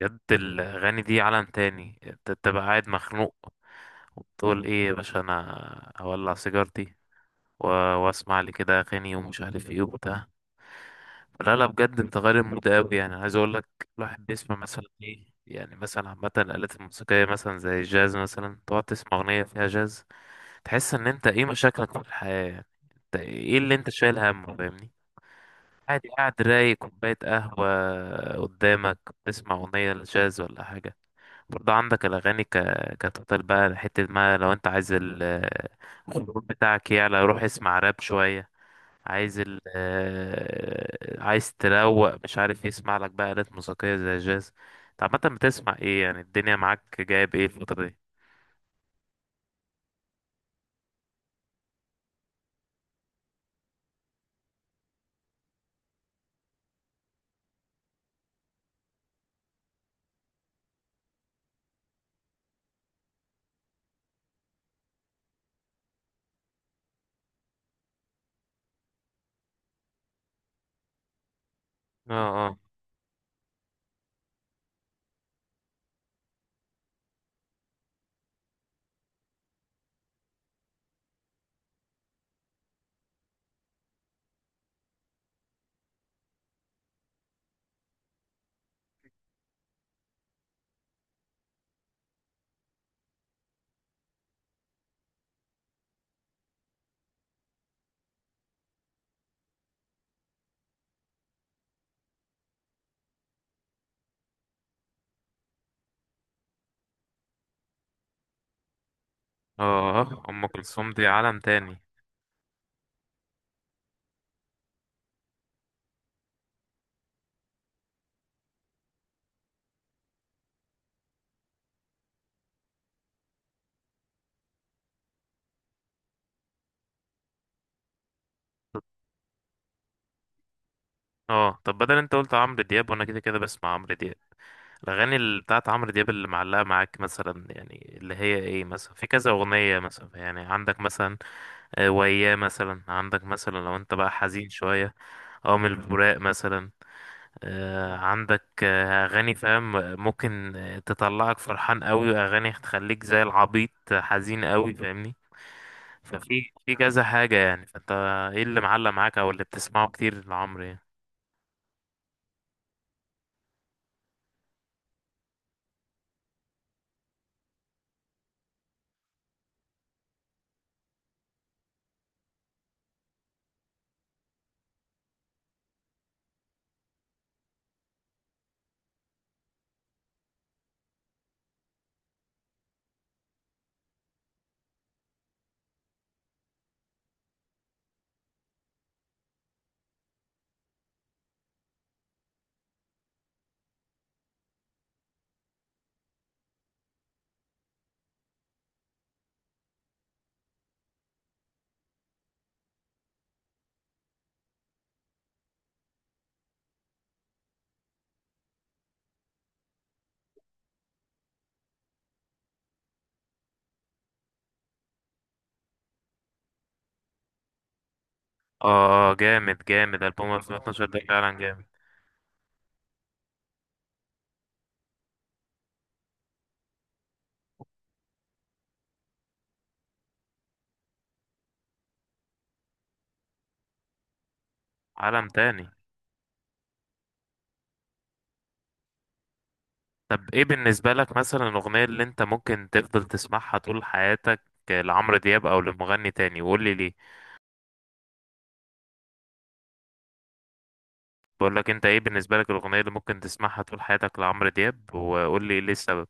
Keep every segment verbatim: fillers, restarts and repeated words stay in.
بجد الأغاني دي عالم تاني، انت تبقى قاعد مخنوق وتقول ايه يا باشا، انا هولع سيجارتي و- واسمع لي كده اغاني ومش عارف ايه وبتاع. لا لا، بجد انت غير المود اوي. يعني عايز اقول لك الواحد بيسمع مثلا ايه، يعني مثلا عامة الآلات الموسيقية مثلا زي الجاز، مثلا تقعد تسمع أغنية فيها جاز، تحس إن أنت إيه مشاكلك في الحياة يعني، أنت إيه اللي أنت شايل همه، فاهمني؟ عادي قاعد رايق كوباية قهوة قدامك، بتسمع أغنية لجاز ولا حاجة. برضه عندك الأغاني ك... كتوتال بقى، حتة ما لو أنت عايز ال- الخروج بتاعك يعلى، روح اسمع راب شوية. عايز ال... آه، عايز تروق مش عارف إيه، اسمع لك بقى آلات موسيقية زي الجاز. أنت عامة بتسمع إيه؟ يعني الدنيا معاك جايب إيه الفترة دي؟ اه اه. اه، أم كلثوم دي عالم تاني. اه طب، بدل أنت قلت عمرو دياب وأنا كده كده بسمع عمرو دياب، الأغاني اللي بتاعت عمرو دياب اللي معلقة معاك مثلا يعني، اللي هي ايه مثلا، في كذا أغنية مثلا يعني، عندك مثلا آه، وياه، مثلا عندك مثلا لو انت بقى حزين شوية أو من البراق مثلا. آه، عندك آه، أغاني فاهم، ممكن آه، تطلعك فرحان قوي، وأغاني تخليك زي العبيط حزين قوي، فاهمني؟ ففي في كذا حاجة يعني، فانت ايه اللي معلق معاك أو اللي بتسمعه كتير لعمرو يعني؟ اه آه، جامد جامد، ألبوم ألفين واتناشر ده فعلا جامد. عالم تاني. طب ايه بالنسبة لك مثلا الأغنية اللي انت ممكن تفضل تسمعها طول حياتك لعمرو دياب او لمغني تاني، وقول لي ليه. بقول لك انت ايه بالنسبة لك الأغنية اللي ممكن تسمعها طول حياتك لعمرو دياب، وقول لي ليه السبب.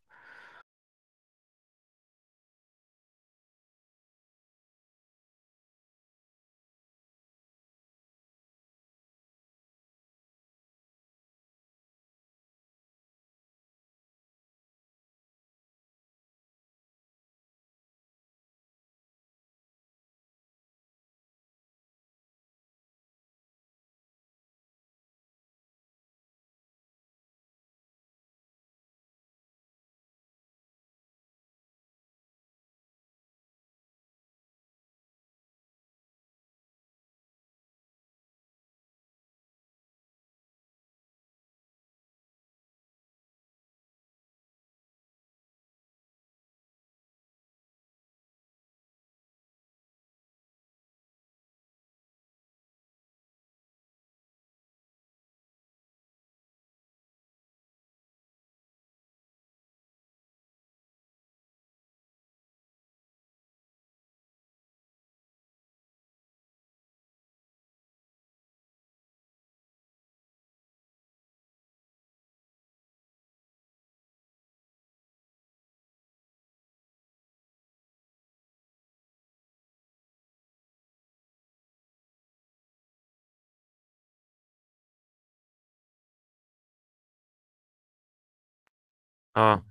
اه.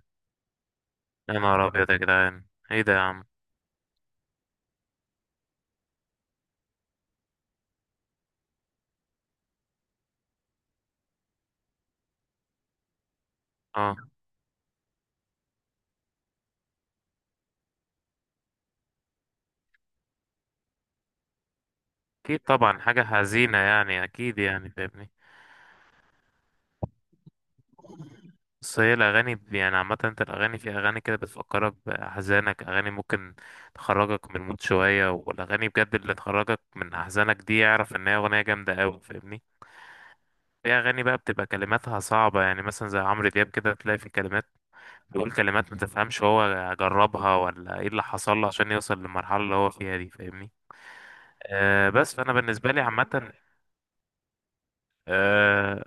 يا نهار ابيض يا جدعان، ايه ده يا عم؟ اه، اكيد طبعا حاجة حزينة يعني، اكيد يعني، فاهمني؟ بس هي الأغاني ب- يعني عامة انت الأغاني، في أغاني كده بتفكرك بأحزانك، أغاني ممكن تخرجك من المود شوية، والأغاني بجد اللي تخرجك من أحزانك دي يعرف إن هي أغنية جامدة أوي، فاهمني؟ في أغاني بقى بتبقى كلماتها صعبة، يعني مثلا زي عمرو دياب كده تلاقي في كلمات بيقول، كلمات ما تفهمش هو جربها ولا ايه اللي حصل له عشان يوصل للمرحلة اللي هو فيها دي، فاهمني؟ أه بس فأنا بالنسبة لي عامة، أه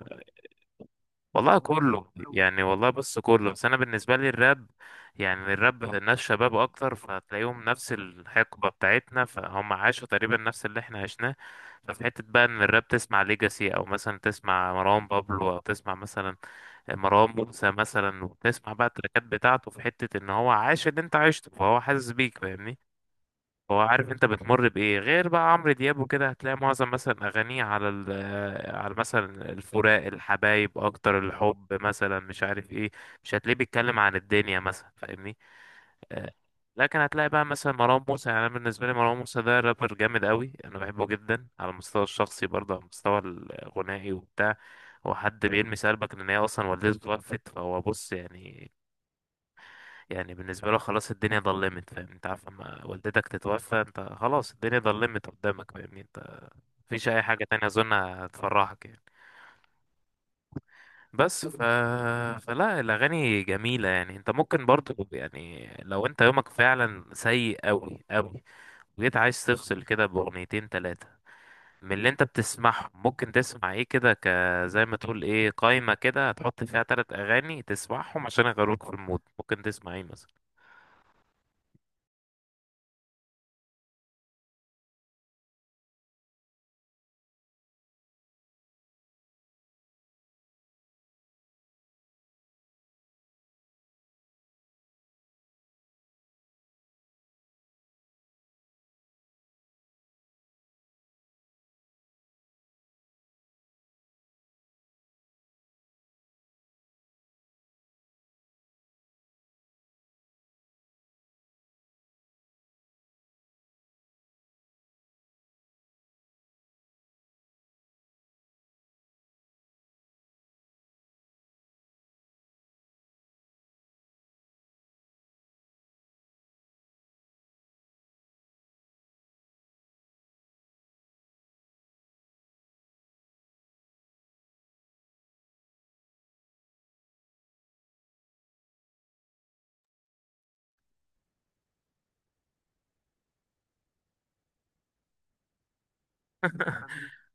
والله كله يعني. والله بص كله، بس أنا بالنسبة لي الراب يعني، الراب ناس شباب أكتر، فتلاقيهم نفس الحقبة بتاعتنا، فهم عاشوا تقريبا نفس اللي احنا عشناه. ففي حتة بقى إن الراب تسمع ليجاسي أو مثلا تسمع مروان بابلو أو تسمع مثلا مروان موسى مثلا، وبتسمع بقى التراكات بتاعته، في حتة ان هو عاش اللي انت عشته فهو حاسس بيك، فاهمني؟ فهو عارف انت بتمر بايه. غير بقى عمرو دياب وكده هتلاقي معظم مثلا اغانيه على ال على مثلا الفراق، الحبايب اكتر، الحب مثلا مش عارف ايه، مش هتلاقيه بيتكلم عن الدنيا مثلا، فاهمني؟ آه، لكن هتلاقي بقى مثلا مروان موسى، يعني انا بالنسبه لي مروان موسى ده رابر جامد قوي، انا بحبه جدا على المستوى الشخصي برضه على المستوى الغنائي وبتاع. هو حد بيلمس قلبك، ان هي اصلا والدته توفت، فهو بص يعني، يعني بالنسبه له خلاص الدنيا ضلمت، فاهم؟ انت عارف لما والدتك تتوفى انت خلاص الدنيا ضلمت قدامك، فاهمني انت؟ مفيش اي حاجه تانية اظن هتفرحك يعني. بس ف... فلا الاغاني جميله يعني، انت ممكن برضه يعني لو انت يومك فعلا سيء قوي قوي، جيت عايز تفصل كده بأغنيتين تلاتة من اللي انت بتسمعهم، ممكن تسمع ايه كده، ك زي ما تقول ايه، قائمة كده هتحط فيها تلات أغاني تسمعهم عشان يغيروك في المود، ممكن تسمع ايه مثلا؟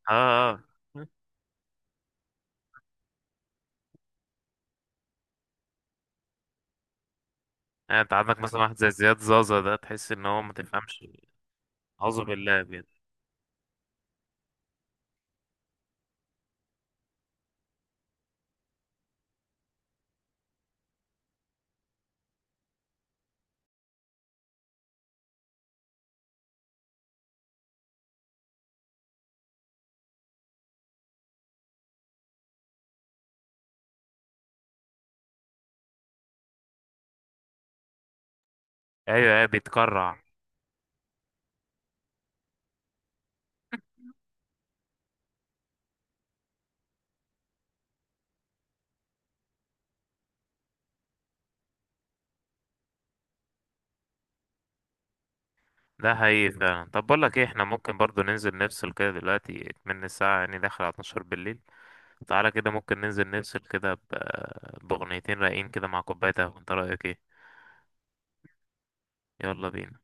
اه اه. يعني انت عندك مثلا واحد زي زياد زازا ده، تحس ان هو ما تفهمش. أعوذ بالله بجد. ايوه ايوه، بيتكرع. ده حقيقي فعلا. طب بقول لك ايه، احنا ممكن برضو ننزل نفصل كده دلوقتي، من الساعة يعني داخل على اثناعشر بالليل، تعالى كده ممكن ننزل نفصل كده ب- بأغنيتين رايقين كده مع كوباية قهوة، انت رأيك ايه؟ يلا بينا.